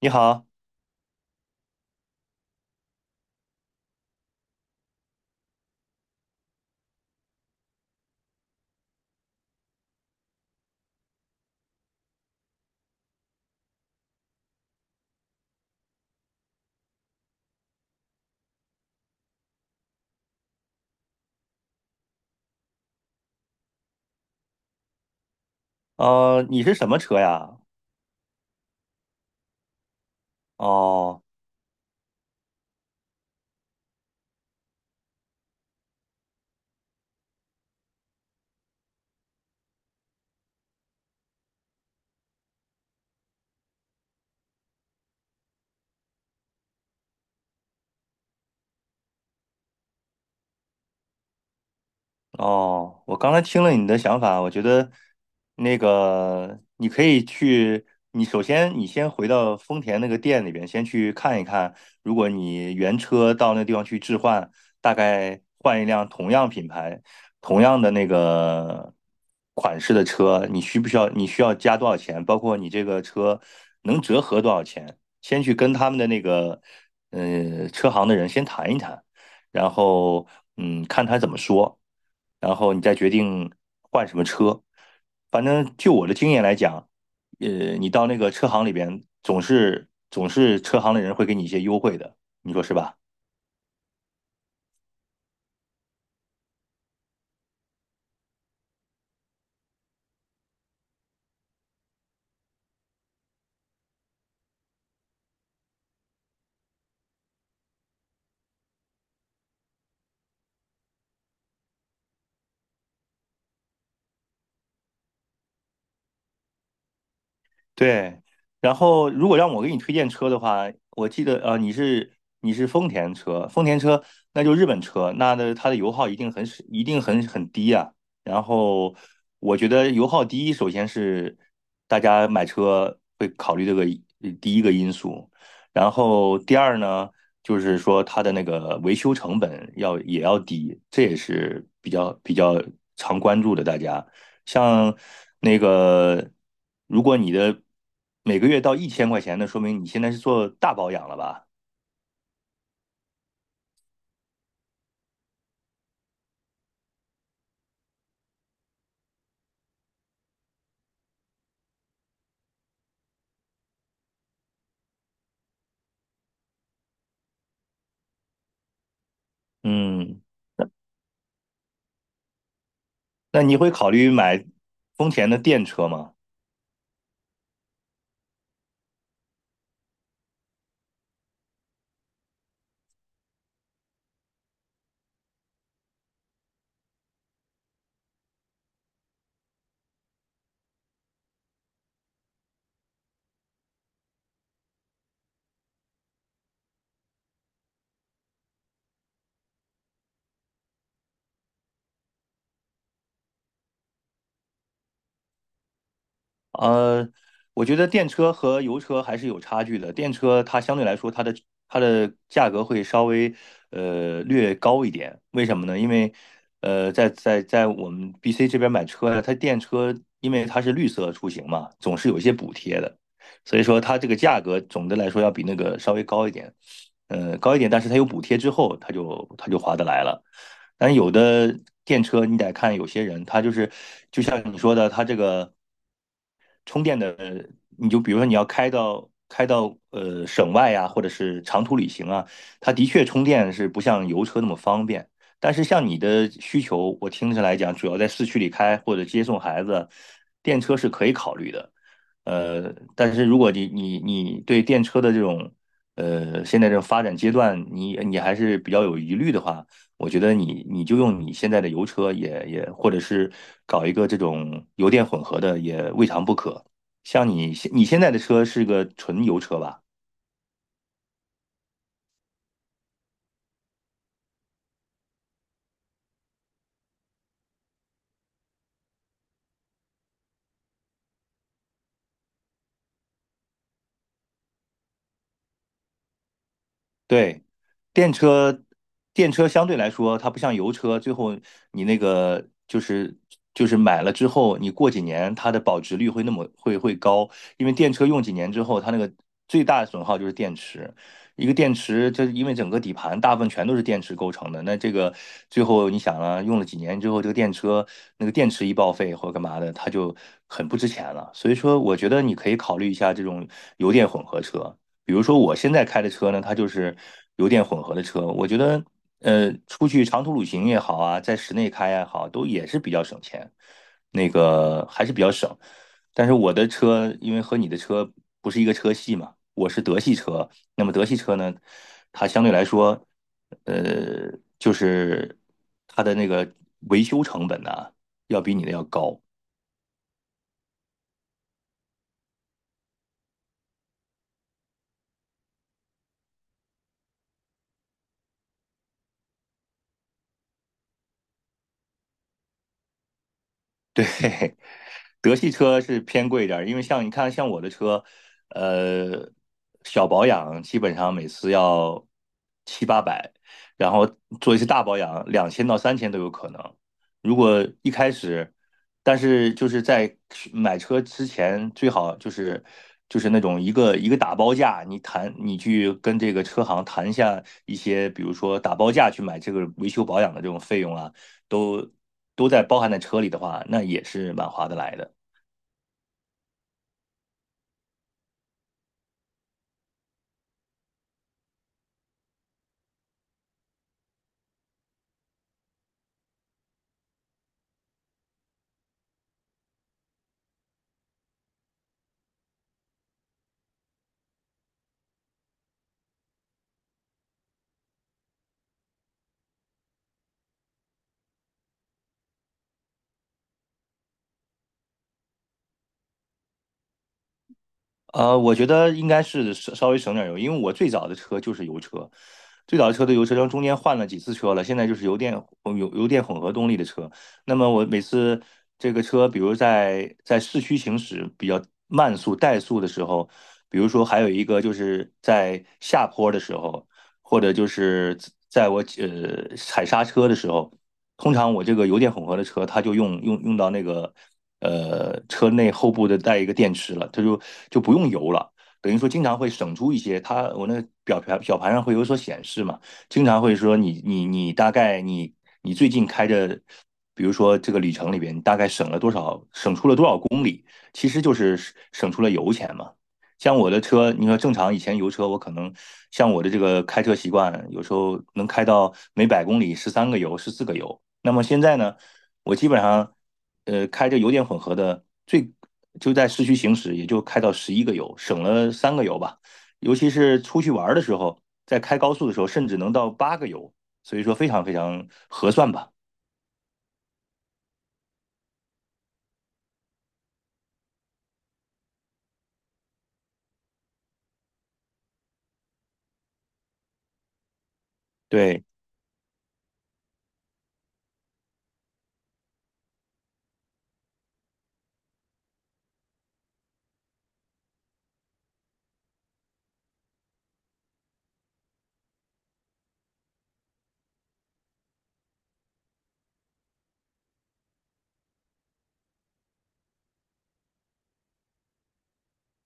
你好，你是什么车呀？哦，哦，我刚才听了你的想法，我觉得那个你可以去，你首先你先回到丰田那个店里边，先去看一看，如果你原车到那地方去置换，大概换一辆同样品牌、同样的那个款式的车，你需不需要？你需要加多少钱？包括你这个车能折合多少钱？先去跟他们的那个车行的人先谈一谈。然后嗯，看他怎么说，然后你再决定换什么车。反正就我的经验来讲，呃，你到那个车行里边，总是车行的人会给你一些优惠的，你说是吧？对，然后如果让我给你推荐车的话，我记得你是丰田车，丰田车那就日本车，那的它的油耗一定很低啊。然后我觉得油耗低，首先是大家买车会考虑这个第一个因素，然后第二呢，就是说它的那个维修成本要也要低，这也是比较常关注的大家。像那个，如果你的每个月到一千块钱，那说明你现在是做大保养了吧？嗯，那你会考虑买丰田的电车吗？呃，我觉得电车和油车还是有差距的。电车它相对来说，它的价格会稍微略高一点。为什么呢？因为在我们 BC 这边买车呀，它电车因为它是绿色出行嘛，总是有一些补贴的，所以说它这个价格总的来说要比那个稍微高一点，高一点。但是它有补贴之后，它就划得来了。但有的电车你得看有些人，他就是就像你说的，他这个。充电的，你就比如说你要开到省外啊，或者是长途旅行啊，它的确充电是不像油车那么方便。但是像你的需求，我听起来讲，主要在市区里开或者接送孩子，电车是可以考虑的。但是如果你对电车的这种现在这种发展阶段，你还是比较有疑虑的话，我觉得你就用你现在的油车，或者是搞一个这种油电混合的也未尝不可。像你现在的车是个纯油车吧？对，电车，电车相对来说，它不像油车，最后你那个就是买了之后，你过几年它的保值率会那么会高，因为电车用几年之后，它那个最大的损耗就是电池，一个电池就是因为整个底盘大部分全都是电池构成的，那这个最后你想啊，用了几年之后，这个电车那个电池一报废或者干嘛的，它就很不值钱了，所以说我觉得你可以考虑一下这种油电混合车。比如说我现在开的车呢，它就是油电混合的车，我觉得出去长途旅行也好啊，在室内开也好，都也是比较省钱，那个还是比较省。但是我的车因为和你的车不是一个车系嘛，我是德系车，那么德系车呢，它相对来说，呃，就是它的那个维修成本呢、要比你的要高。对，德系车是偏贵一点因为像你看，像我的车，呃，小保养基本上每次要七八百，然后做一些大保养，两千到三千都有可能。如果一开始，但是就是在买车之前，最好就是就是那种一个一个打包价，你谈你去跟这个车行谈一下一些，比如说打包价去买这个维修保养的这种费用啊，都都在包含在车里的话，那也是蛮划得来的。我觉得应该是稍稍微省点油，因为我最早的车就是油车，最早的车都油车，然后中间换了几次车了，现在就是油电混合动力的车。那么我每次这个车，比如在市区行驶比较慢速怠速的时候，比如说还有一个就是在下坡的时候，或者就是在我踩刹车的时候，通常我这个油电混合的车，它就用到那个。车内后部的带一个电池了，它就不用油了。等于说经常会省出一些，它我那个表盘上会有所显示嘛，经常会说你大概你最近开着，比如说这个里程，你大概省了多少，省出了多少公里，其实就是省出了油钱嘛。像我的车，你说正常以前油车，我可能像我的这个开车习惯，有时候能开到每百公里十三个油、十四个油。那么现在呢，我基本上开着油电混合的最就在市区行驶，也就开到十一个油，省了三个油吧。尤其是出去玩的时候，在开高速的时候，甚至能到八个油，所以说非常非常合算吧。对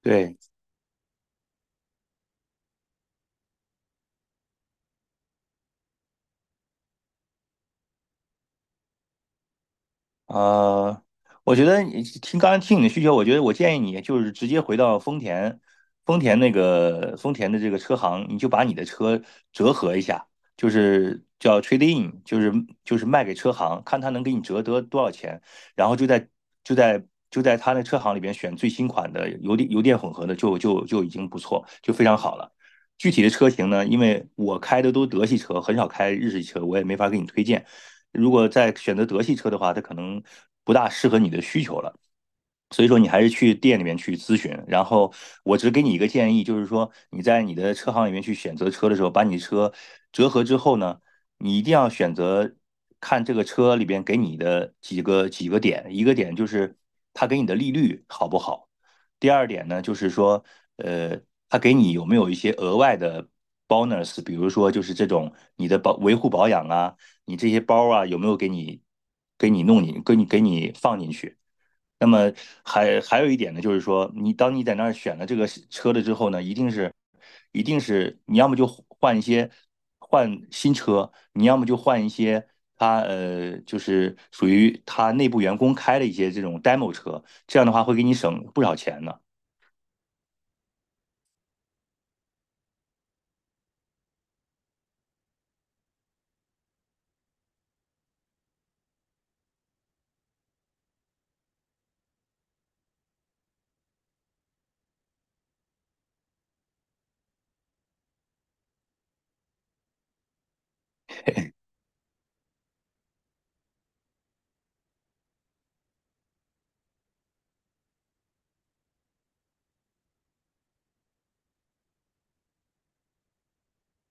对。呃，我觉得你听刚才听你的需求，我觉得我建议你就是直接回到丰田，丰田那个丰田的这个车行，你就把你的车折合一下，就是叫 trade in，就是就是卖给车行，看他能给你折得多少钱，然后就在就在他那车行里边选最新款的油电混合的就已经不错，就非常好了。具体的车型呢，因为我开的都德系车，很少开日系车，我也没法给你推荐。如果再选择德系车的话，它可能不大适合你的需求了。所以说你还是去店里面去咨询，然后我只给你一个建议，就是说你在你的车行里面去选择车的时候，把你的车折合之后呢，你一定要选择看这个车里边给你的几个点，一个点就是它给你的利率好不好，第二点呢就是说，呃，它给你有没有一些额外的 bonus，比如说就是这种你的保维护保养啊，你这些包啊有没有给你给你弄你给你给你放进去。那么还有一点呢，就是说，你当你在那儿选了这个车了之后呢，一定是，一定是你要么就换一些换新车，你要么就换一些它就是属于它内部员工开的一些这种 demo 车，这样的话会给你省不少钱呢。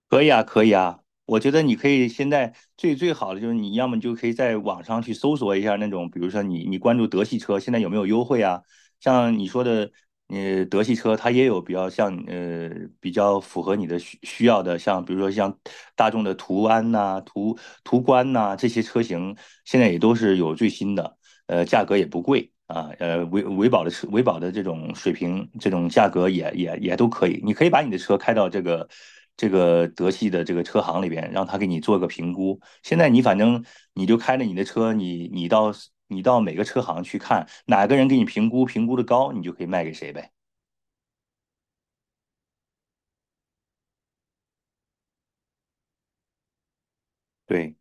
可以啊，可以啊，我觉得你可以现在最最好的就是你要么就可以在网上去搜索一下那种，比如说你你关注德系车现在有没有优惠啊？像你说的，德系车它也有比较像比较符合你的需需要的，像比如说像大众的途安呐、途观呐、这些车型，现在也都是有最新的。价格也不贵啊，维维保的车，维保的这种水平，这种价格也都可以。你可以把你的车开到这个德系的这个车行里边，让他给你做个评估。现在你反正你就开着你的车，你到每个车行去看，哪个人给你评估的高，你就可以卖给谁呗。对。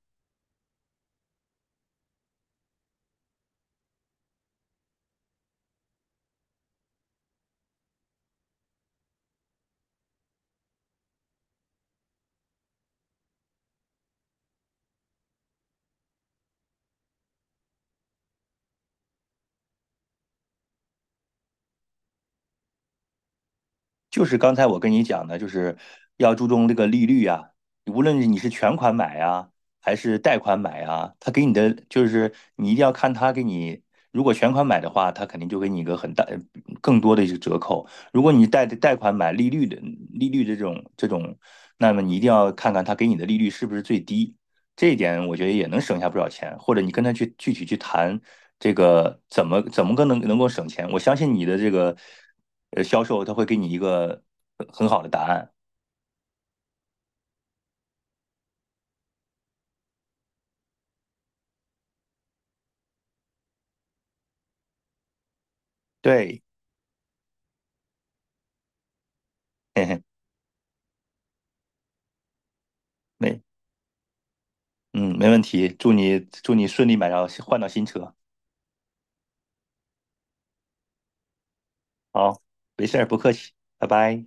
就是刚才我跟你讲的，就是要注重这个利率啊，无论你是全款买啊，还是贷款买啊，他给你的就是你一定要看他给你，如果全款买的话，他肯定就给你一个很大更多的一个折扣；如果你贷款买利率的这种这种，那么你一定要看看他给你的利率是不是最低。这一点我觉得也能省下不少钱，或者你跟他去具体去谈这个怎么个能够省钱，我相信你的这个销售他会给你一个很好的答案。对，嘿嘿，没，嗯，没问题，祝你顺利买到换到新车，好，没事儿，不客气，拜拜。